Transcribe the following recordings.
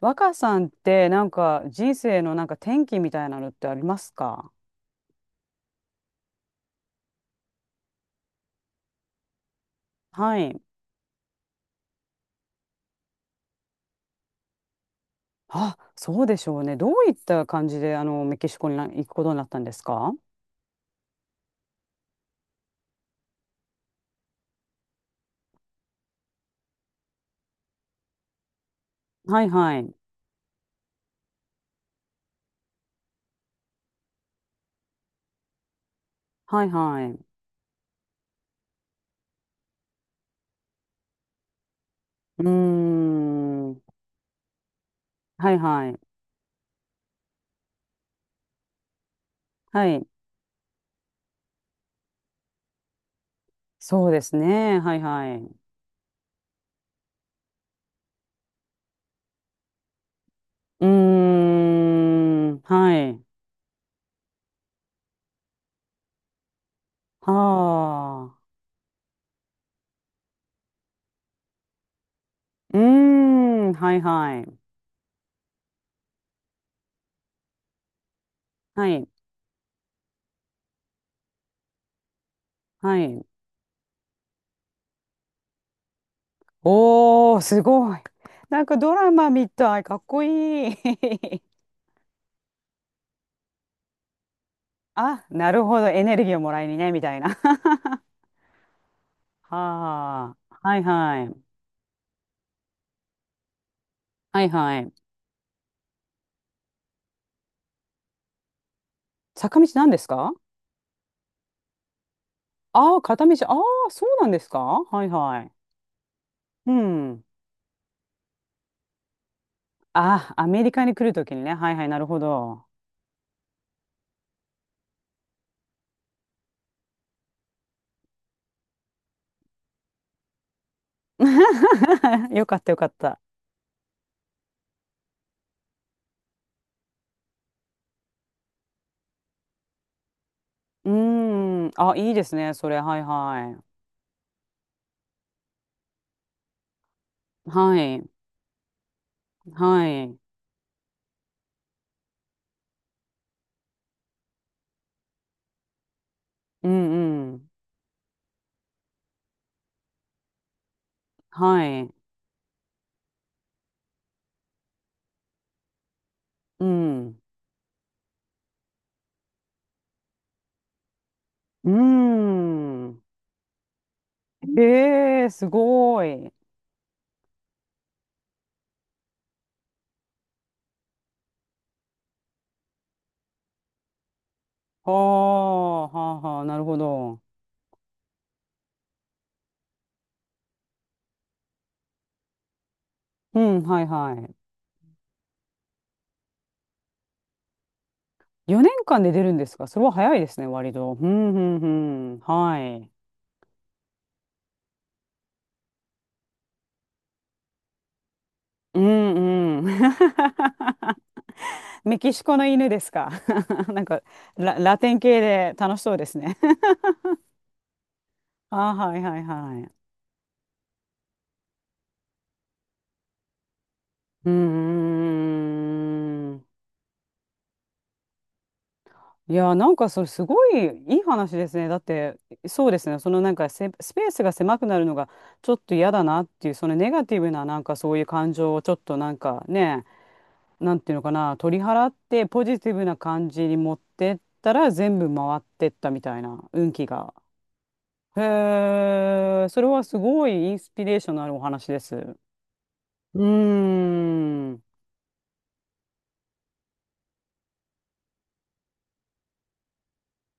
若さんってなんか人生のなんか転機みたいなのってありますか？はい。あ、そうでしょうね。どういった感じであのメキシコに行くことになったんですか？はいはい。はいはい。うーん。はいはい。はい。そうですね。はいはい。うーん。はい。はあ。うーん。はいはい。はい。はい。おー、すごい。なんかドラマみたい。かっこいい。あ、なるほど。エネルギーをもらいにね、みたいな。はあ。はいはい。はいはい。坂道なんですか？ああー、片道。ああ、そうなんですか？はいはい。うん。ああ、アメリカに来るときにね。はいはい、なるほど。よかったよかった。うーん。あ、いいですね、それ。はいはい。はい。はい。うんうん。はい。うん。うーん。ええすごい。ああ、はあはあ、なるほど。うん、はいはい。4年間で出るんですか？それは早いですね、割と。うん、うん、うん。はい。うん、うん。メキシコの犬ですか？ なんかラテン系で楽しそうですね。あーはいはいはい。うーん。いやー、なんかそれすごいいい話ですね。だって、そうですね。そのなんかスペースが狭くなるのがちょっと嫌だなっていう、そのネガティブななんかそういう感情をちょっとなんかね、なんていうのかな、取り払ってポジティブな感じに持ってったら全部回ってったみたいな運気が。へえ、それはすごいインスピレーションのあるお話です。うーん、うん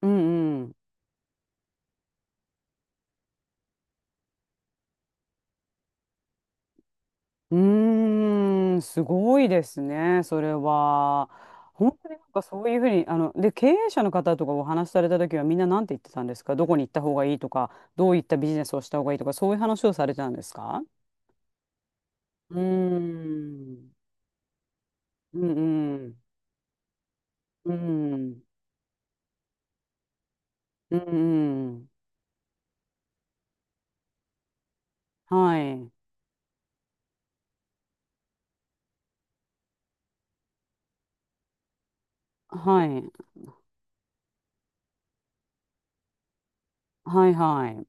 うん。うーん、すごいですね、それは。本当になんかそういうふうに、あの、で、経営者の方とかお話しされた時はみんな何て言ってたんですか？どこに行った方がいいとか、どういったビジネスをした方がいいとか、そういう話をされてたんですか？うーん。うんうん。うん。うんはい。はい。はいはい。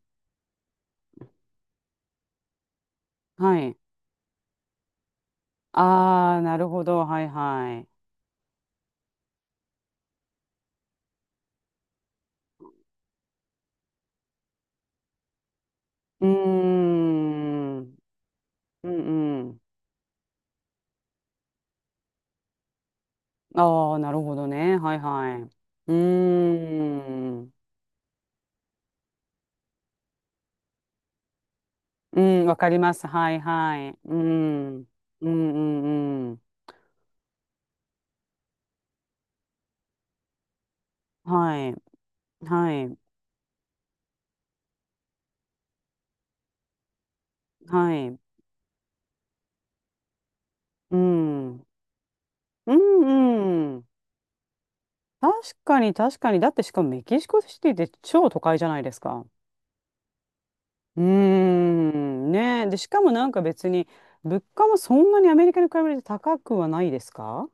はい。ああ、なるほど。はいはい。うーん。うんうん。ああ、なるほどね。はいはい。うーん。うん、わかります。はいはい。うん。うんうんうん。はい。はい。はい。うん。うんうん。確かに確かに。だってしかもメキシコシティって超都会じゃないですか。うーん、ねえ。で、しかもなんか別に、物価もそんなにアメリカに比べて高くはないですか？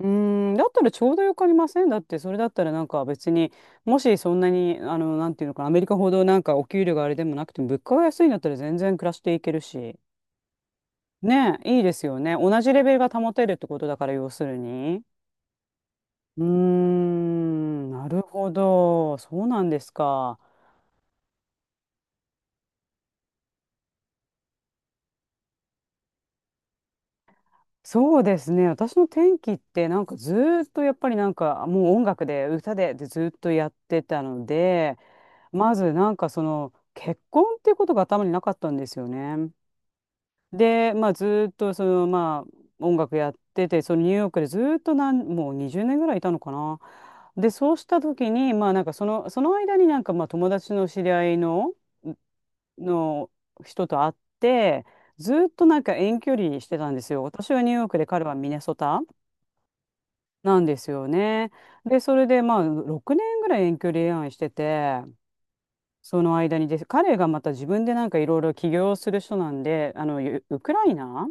うーん、だったらちょうどよくありません？だって、それだったらなんか別に、もしそんなに、あの、なんていうのかな、アメリカほどなんかお給料があれでもなくても、物価が安いんだったら全然暮らしていけるし。ねえ、いいですよね。同じレベルが保てるってことだから、要するに。うーん、なるほど。そうなんですか。そうですね。私の転機ってなんかずーっとやっぱりなんかもう音楽で歌ででずーっとやってたので、まずなんかその結婚っていうことが頭になかったんですよね。で、まあずーっとそのまあ音楽やってて、そのニューヨークでずーっともう20年ぐらいいたのかな。で、そうした時にまあなんかその、その間になんかまあ友達の知り合いの、の人と会って、ずーっとなんか遠距離してたんですよ。私はニューヨークで彼はミネソタ。なんですよね。で、それでまあ6年ぐらい遠距離恋愛してて、その間にです、彼がまた自分でなんかいろいろ起業する人なんで、あの、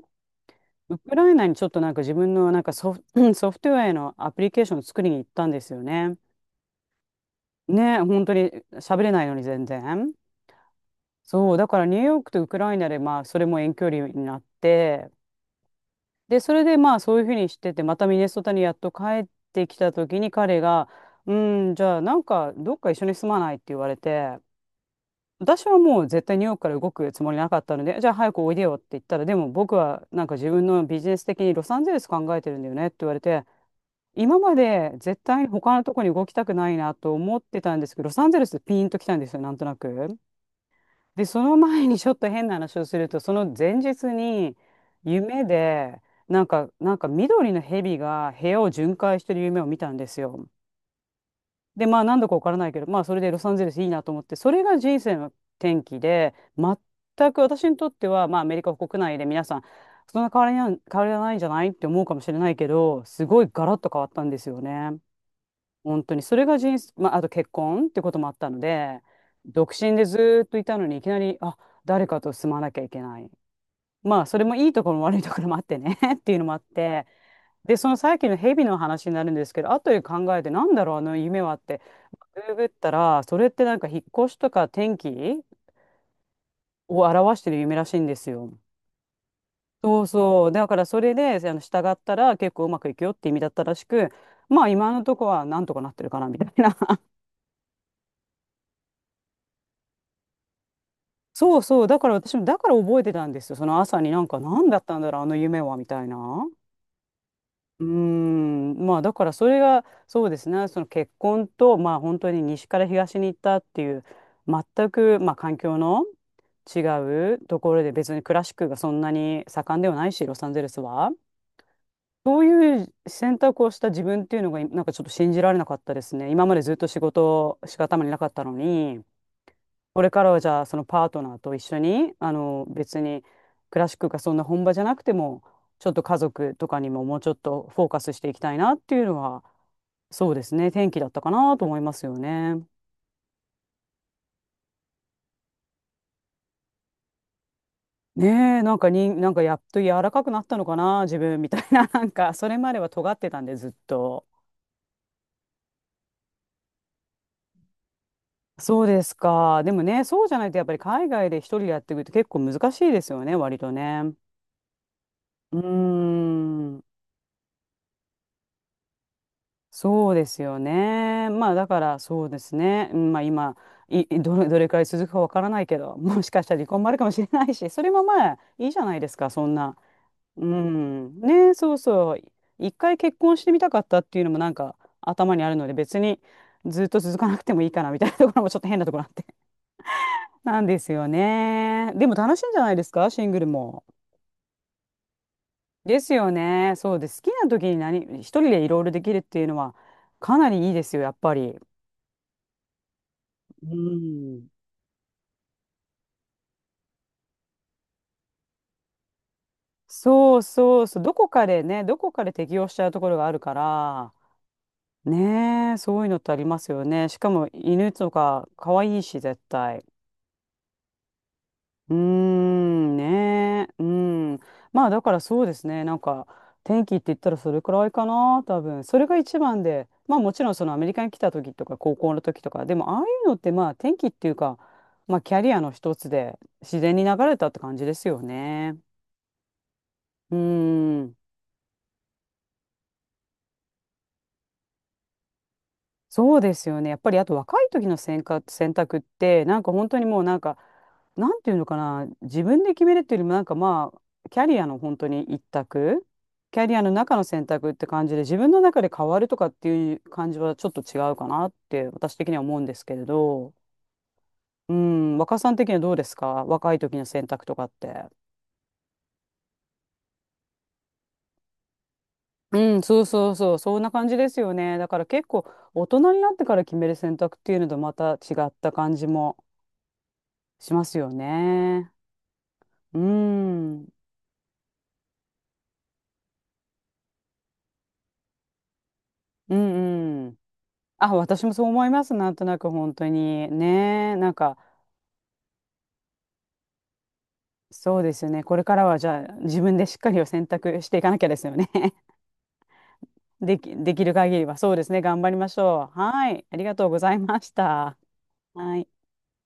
ウクライナにちょっとなんか自分のなんかソフトウェアのアプリケーションを作りに行ったんですよね。ね、本当に喋れないのに全然。そう、だからニューヨークとウクライナでまあそれも遠距離になって、で、それでまあそういうふうにしてて、またミネソタにやっと帰ってきた時に彼が、うん、じゃあなんかどっか一緒に住まない？って言われて、私はもう絶対ニューヨークから動くつもりなかったので、じゃあ早くおいでよって言ったら、でも僕はなんか自分のビジネス的にロサンゼルス考えてるんだよねって言われて、今まで絶対に他のとこに動きたくないなと思ってたんですけど、ロサンゼルスピンと来たんですよ、なんとなく。で、その前にちょっと変な話をすると、その前日に夢で、なんか、なんか緑の蛇が部屋を巡回してる夢を見たんですよ。で、まあ何度かわからないけど、まあそれでロサンゼルスいいなと思って、それが人生の転機で、全く私にとっては、まあアメリカ国内で皆さん、そんな変わりはないんじゃないって思うかもしれないけど、すごいガラッと変わったんですよね。本当に、それが人生、まあ、あと結婚ってこともあったので、独身でずーっといたのに、いきなり、あ、誰かと住まなきゃいけない。まあ、それもいいところも悪いところもあってね っていうのもあって、で、そのさっきのヘビの話になるんですけど、後で考えて、なんだろう、あの夢はって、ググったら、それってなんか引っ越しとか天気を表してる夢らしいんですよ。そうそう。だからそれで、あの、従ったら結構うまくいくよって意味だったらしく、まあ今のとこはなんとかなってるかなみたいな。そうそう。だから私も、だから覚えてたんですよ。その朝になんか、何だったんだろう、あの夢は、みたいな。うーん。まあ、だからそれが、そうですね。その結婚と、まあ、本当に西から東に行ったっていう、全く、まあ、環境の違うところで、別にクラシックがそんなに盛んではないし、ロサンゼルスは。そういう選択をした自分っていうのが、なんかちょっと信じられなかったですね。今までずっと仕事しか頭になかったのに。これからはじゃあそのパートナーと一緒にあの別にクラシックがそんな本場じゃなくてもちょっと家族とかにももうちょっとフォーカスしていきたいなっていうのはそうですね、転機だったかなと思いますよね。ねえ、なんかになんかやっと柔らかくなったのかな自分みたいな なんかそれまでは尖ってたんでずっと。そうですか？でもねそうじゃないとやっぱり海外で一人でやっていくって結構難しいですよね、割とね。うーん、そうですよね。まあだからそうですね。うん、まあ今いいどれくらい続くかわからないけど、もしかしたら離婚もあるかもしれないし、それもまあいいじゃないですか、そんな。うん。ね、そうそう。一回結婚してみたかったっていうのもなんか頭にあるので、別にずっと続かなくてもいいかなみたいなところもちょっと変なところあって。なんですよね。でも楽しいんじゃないですか、シングルも。ですよね。そうです。好きな時に何、一人でいろいろできるっていうのはかなりいいですよ、やっぱり。うん。そうそうそう、どこかでね、どこかで適用しちゃうところがあるから、ねえ、そういうのってありますよね。しかも犬とか可愛いし、絶対。うーん、ねえ、うん。まあだからそうですね、なんか天気って言ったらそれくらいかな、多分。それが一番で、まあもちろんそのアメリカに来た時とか高校の時とか、でもああいうのってまあ天気っていうか、まあキャリアの一つで自然に流れたって感じですよね。うん。そうですよね。やっぱりあと若い時の選択ってなんか本当にもうなんかなんていうのかな自分で決めるっていうよりもなんかまあキャリアの本当に一択キャリアの中の選択って感じで自分の中で変わるとかっていう感じはちょっと違うかなって私的には思うんですけれど、うん、若さん的にはどうですか？若い時の選択とかって。うん、そうそうそう、そんな感じですよね。だから結構大人になってから決める選択っていうのとまた違った感じもしますよね。うーん。うんうん。あ、私もそう思います。なんとなく本当に。ねえ。なんか、そうですよね。これからはじゃあ自分でしっかりを選択していかなきゃですよね。できる限りは。そうですね。頑張りましょう。はい。ありがとうございました。はい。